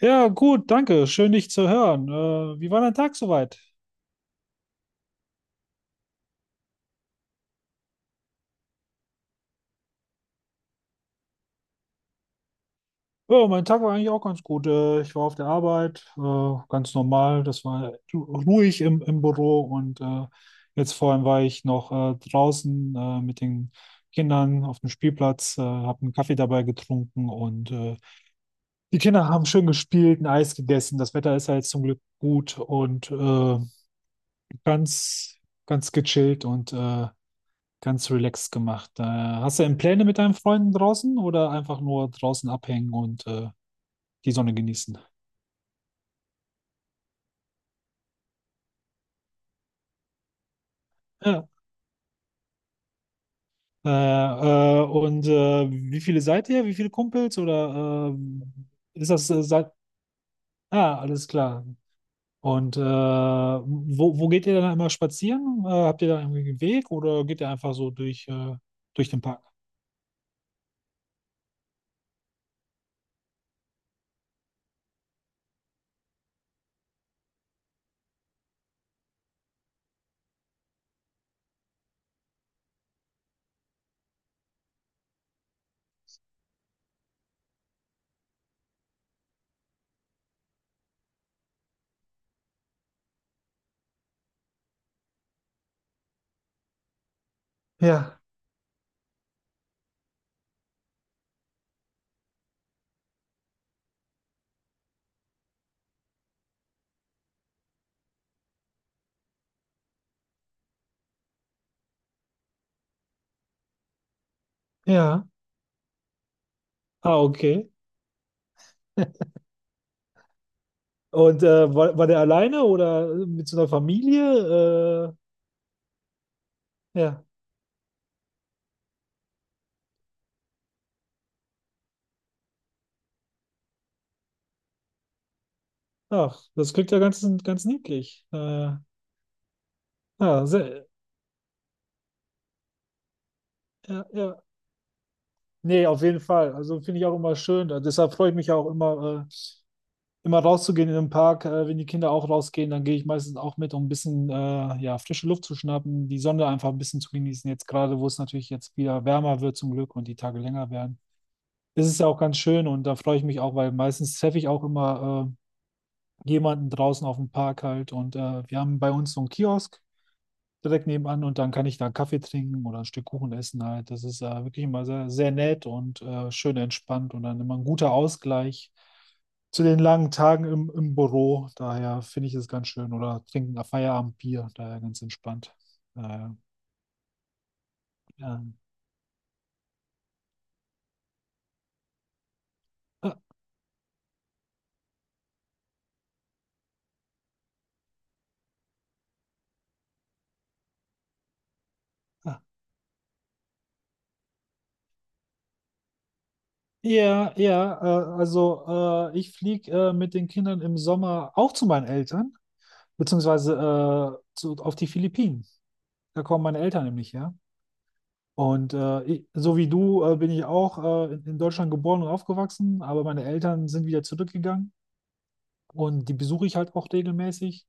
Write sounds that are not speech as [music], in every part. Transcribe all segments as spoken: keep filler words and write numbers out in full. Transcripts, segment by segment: Ja, gut, danke. Schön, dich zu hören. Äh, wie war dein Tag soweit? Ja, mein Tag war eigentlich auch ganz gut. Äh, ich war auf der Arbeit, äh, ganz normal. Das war ru- ruhig im, im Büro und äh, jetzt vorhin war ich noch äh, draußen äh, mit den Kindern auf dem Spielplatz, äh, habe einen Kaffee dabei getrunken und äh, die Kinder haben schön gespielt, ein Eis gegessen. Das Wetter ist ja jetzt zum Glück gut und äh, ganz, ganz gechillt und äh, Ganz relaxed gemacht. Äh, hast du denn Pläne mit deinen Freunden draußen oder einfach nur draußen abhängen und äh, die Sonne genießen? Ja. Äh, äh, und äh, wie viele seid ihr? Wie viele Kumpels? Oder äh, ist das äh, seit... Ah, alles klar. Und äh, wo, wo geht ihr dann immer spazieren? Äh, habt ihr da irgendwie einen Weg oder geht ihr einfach so durch, äh, durch den Park? Ja, ja. Ah, okay. [laughs] Und äh, war, war der alleine oder mit so einer Familie? Äh, ja. Ach, das klingt ja ganz, ganz niedlich. Äh, ja, sehr, ja, ja. Nee, auf jeden Fall. Also finde ich auch immer schön. Äh, Deshalb freue ich mich auch immer, äh, immer rauszugehen in den Park. Äh, wenn die Kinder auch rausgehen, dann gehe ich meistens auch mit, um ein bisschen äh, ja, frische Luft zu schnappen, die Sonne einfach ein bisschen zu genießen. Jetzt gerade, wo es natürlich jetzt wieder wärmer wird zum Glück und die Tage länger werden. Das ist ja auch ganz schön und da freue ich mich auch, weil meistens treffe ich auch immer äh, jemanden draußen auf dem Park halt. Und äh, wir haben bei uns so einen Kiosk direkt nebenan und dann kann ich da einen Kaffee trinken oder ein Stück Kuchen essen halt. Das ist äh, wirklich immer sehr, sehr nett und äh, schön entspannt und dann immer ein guter Ausgleich zu den langen Tagen im, im Büro. Daher finde ich es ganz schön. Oder trinken ein Feierabendbier, daher ganz entspannt. Äh, ja. Ah, ah. Ja, ja, äh, also äh, ich fliege äh, mit den Kindern im Sommer auch zu meinen Eltern, beziehungsweise äh, zu, auf die Philippinen. Da kommen meine Eltern nämlich her. Und äh, ich, so wie du äh, bin ich auch äh, in, in Deutschland geboren und aufgewachsen, aber meine Eltern sind wieder zurückgegangen und die besuche ich halt auch regelmäßig.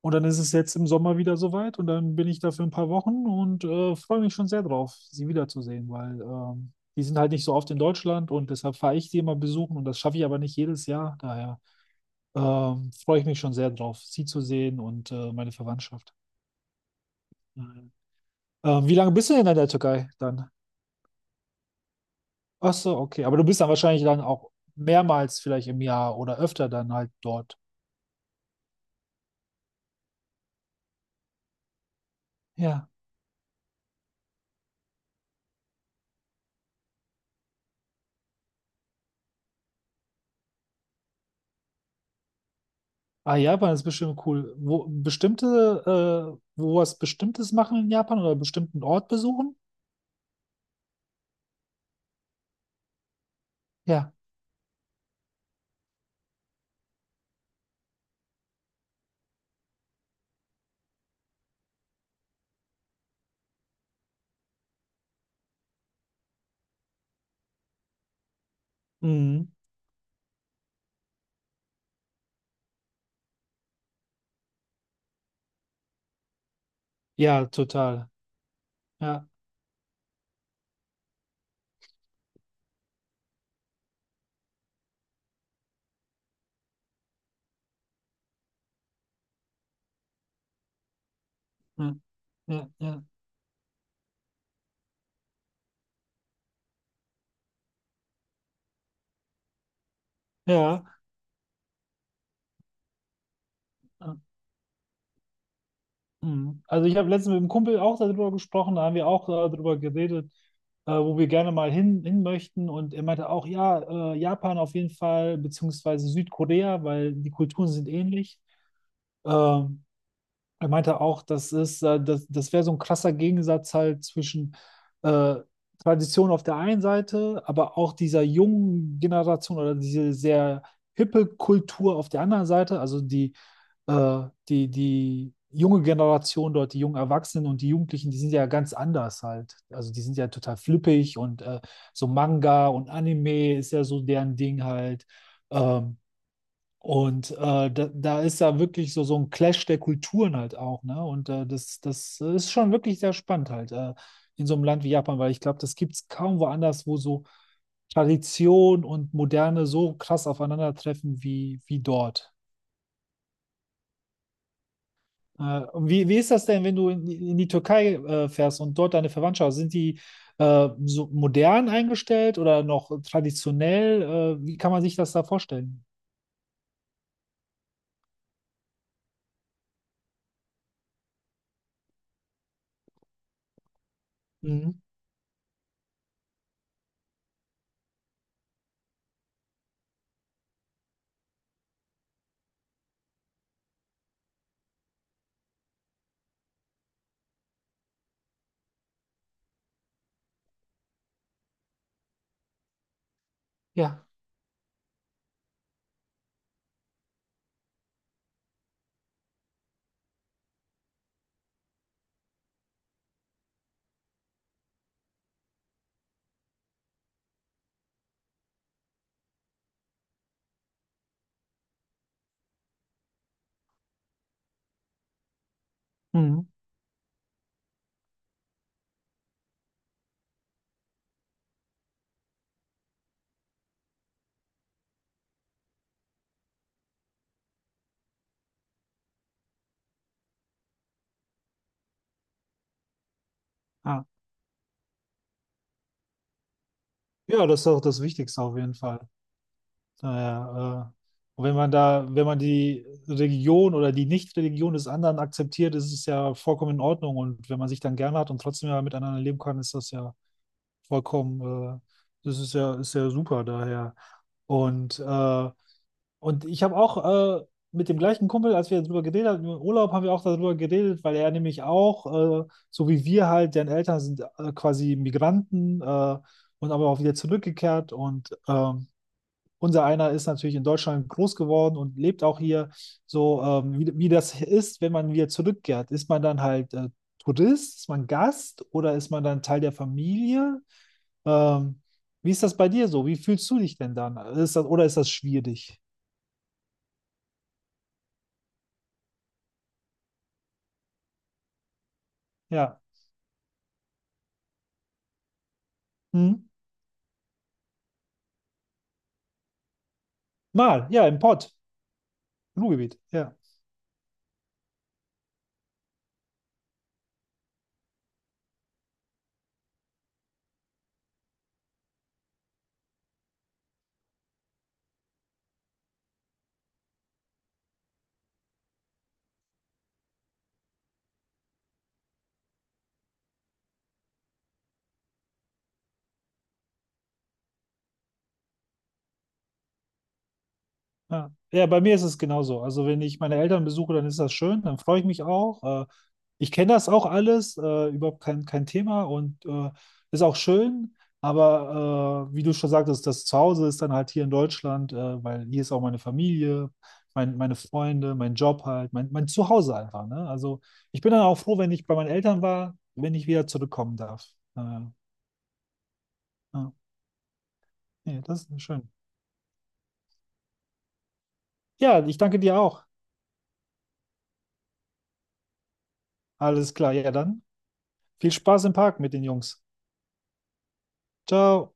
Und dann ist es jetzt im Sommer wieder soweit und dann bin ich da für ein paar Wochen und äh, freue mich schon sehr drauf, sie wiederzusehen, weil ähm, die sind halt nicht so oft in Deutschland und deshalb fahre ich sie immer besuchen und das schaffe ich aber nicht jedes Jahr. Daher ähm, freue ich mich schon sehr drauf, sie zu sehen und äh, meine Verwandtschaft. Ähm, wie lange bist du denn in der Türkei dann? Ach so, okay. Aber du bist dann wahrscheinlich dann auch mehrmals vielleicht im Jahr oder öfter dann halt dort. Ja. Ah, Japan ist bestimmt cool. Wo bestimmte, äh, wo was Bestimmtes machen in Japan oder bestimmten Ort besuchen? Ja. Mhm. Ja, total. Ja. Mhm. Ja, ja. Ja. Mhm. Also ich habe letztens mit einem Kumpel auch darüber gesprochen, da haben wir auch äh, darüber geredet, äh, wo wir gerne mal hin, hin möchten. Und er meinte auch, ja, äh, Japan auf jeden Fall, beziehungsweise Südkorea, weil die Kulturen sind ähnlich. Ähm, Er meinte auch, das ist, äh, das, das wäre so ein krasser Gegensatz halt zwischen äh, Tradition auf der einen Seite, aber auch dieser jungen Generation oder diese sehr hippe Kultur auf der anderen Seite, also die, äh, die, die junge Generation dort, die jungen Erwachsenen und die Jugendlichen, die sind ja ganz anders halt. Also die sind ja total flippig und äh, so Manga und Anime ist ja so deren Ding halt. Ähm, und äh, da, da ist da wirklich so, so ein Clash der Kulturen halt auch, ne? Und äh, das, das ist schon wirklich sehr spannend halt äh, in so einem Land wie Japan, weil ich glaube, das gibt es kaum woanders, wo so Tradition und Moderne so krass aufeinandertreffen wie, wie dort. Äh, und wie, wie ist das denn, wenn du in, die- in die Türkei äh, fährst und dort deine Verwandtschaft hast? Sind die äh, so modern eingestellt oder noch traditionell? Äh, wie kann man sich das da vorstellen? Mhm. Ja. Mhm. Ja, das ist auch das Wichtigste auf jeden Fall. Daher, äh, wenn man da, wenn man die Religion oder die Nicht-Religion des anderen akzeptiert, ist es ja vollkommen in Ordnung. Und wenn man sich dann gerne hat und trotzdem ja miteinander leben kann, ist das ja vollkommen, äh, das ist ja, ist ja super daher. Und äh, und ich habe auch äh, mit dem gleichen Kumpel, als wir darüber geredet haben, im Urlaub haben wir auch darüber geredet, weil er nämlich auch, äh, so wie wir halt, deren Eltern sind äh, quasi Migranten äh, und aber auch wieder zurückgekehrt. Und ähm, unser einer ist natürlich in Deutschland groß geworden und lebt auch hier. So, ähm, wie, wie das ist, wenn man wieder zurückkehrt. Ist man dann halt äh, Tourist, ist man Gast oder ist man dann Teil der Familie? Ähm, Wie ist das bei dir so? Wie fühlst du dich denn dann? Ist das, oder ist das schwierig? Ja. Hm? Mal, ja, im Pott, im Ruhrgebiet, ja. Ja. Ja, bei mir ist es genauso. Also wenn ich meine Eltern besuche, dann ist das schön, dann freue ich mich auch. Äh, ich kenne das auch alles, äh, überhaupt kein, kein Thema und äh, ist auch schön. Aber äh, wie du schon sagtest, das Zuhause ist dann halt hier in Deutschland, äh, weil hier ist auch meine Familie, mein, meine Freunde, mein Job halt, mein, mein Zuhause einfach. Ne? Also ich bin dann auch froh, wenn ich bei meinen Eltern war, wenn ich wieder zurückkommen darf. Äh, ja, nee, das ist schön. Ja, ich danke dir auch. Alles klar, ja dann. Viel Spaß im Park mit den Jungs. Ciao.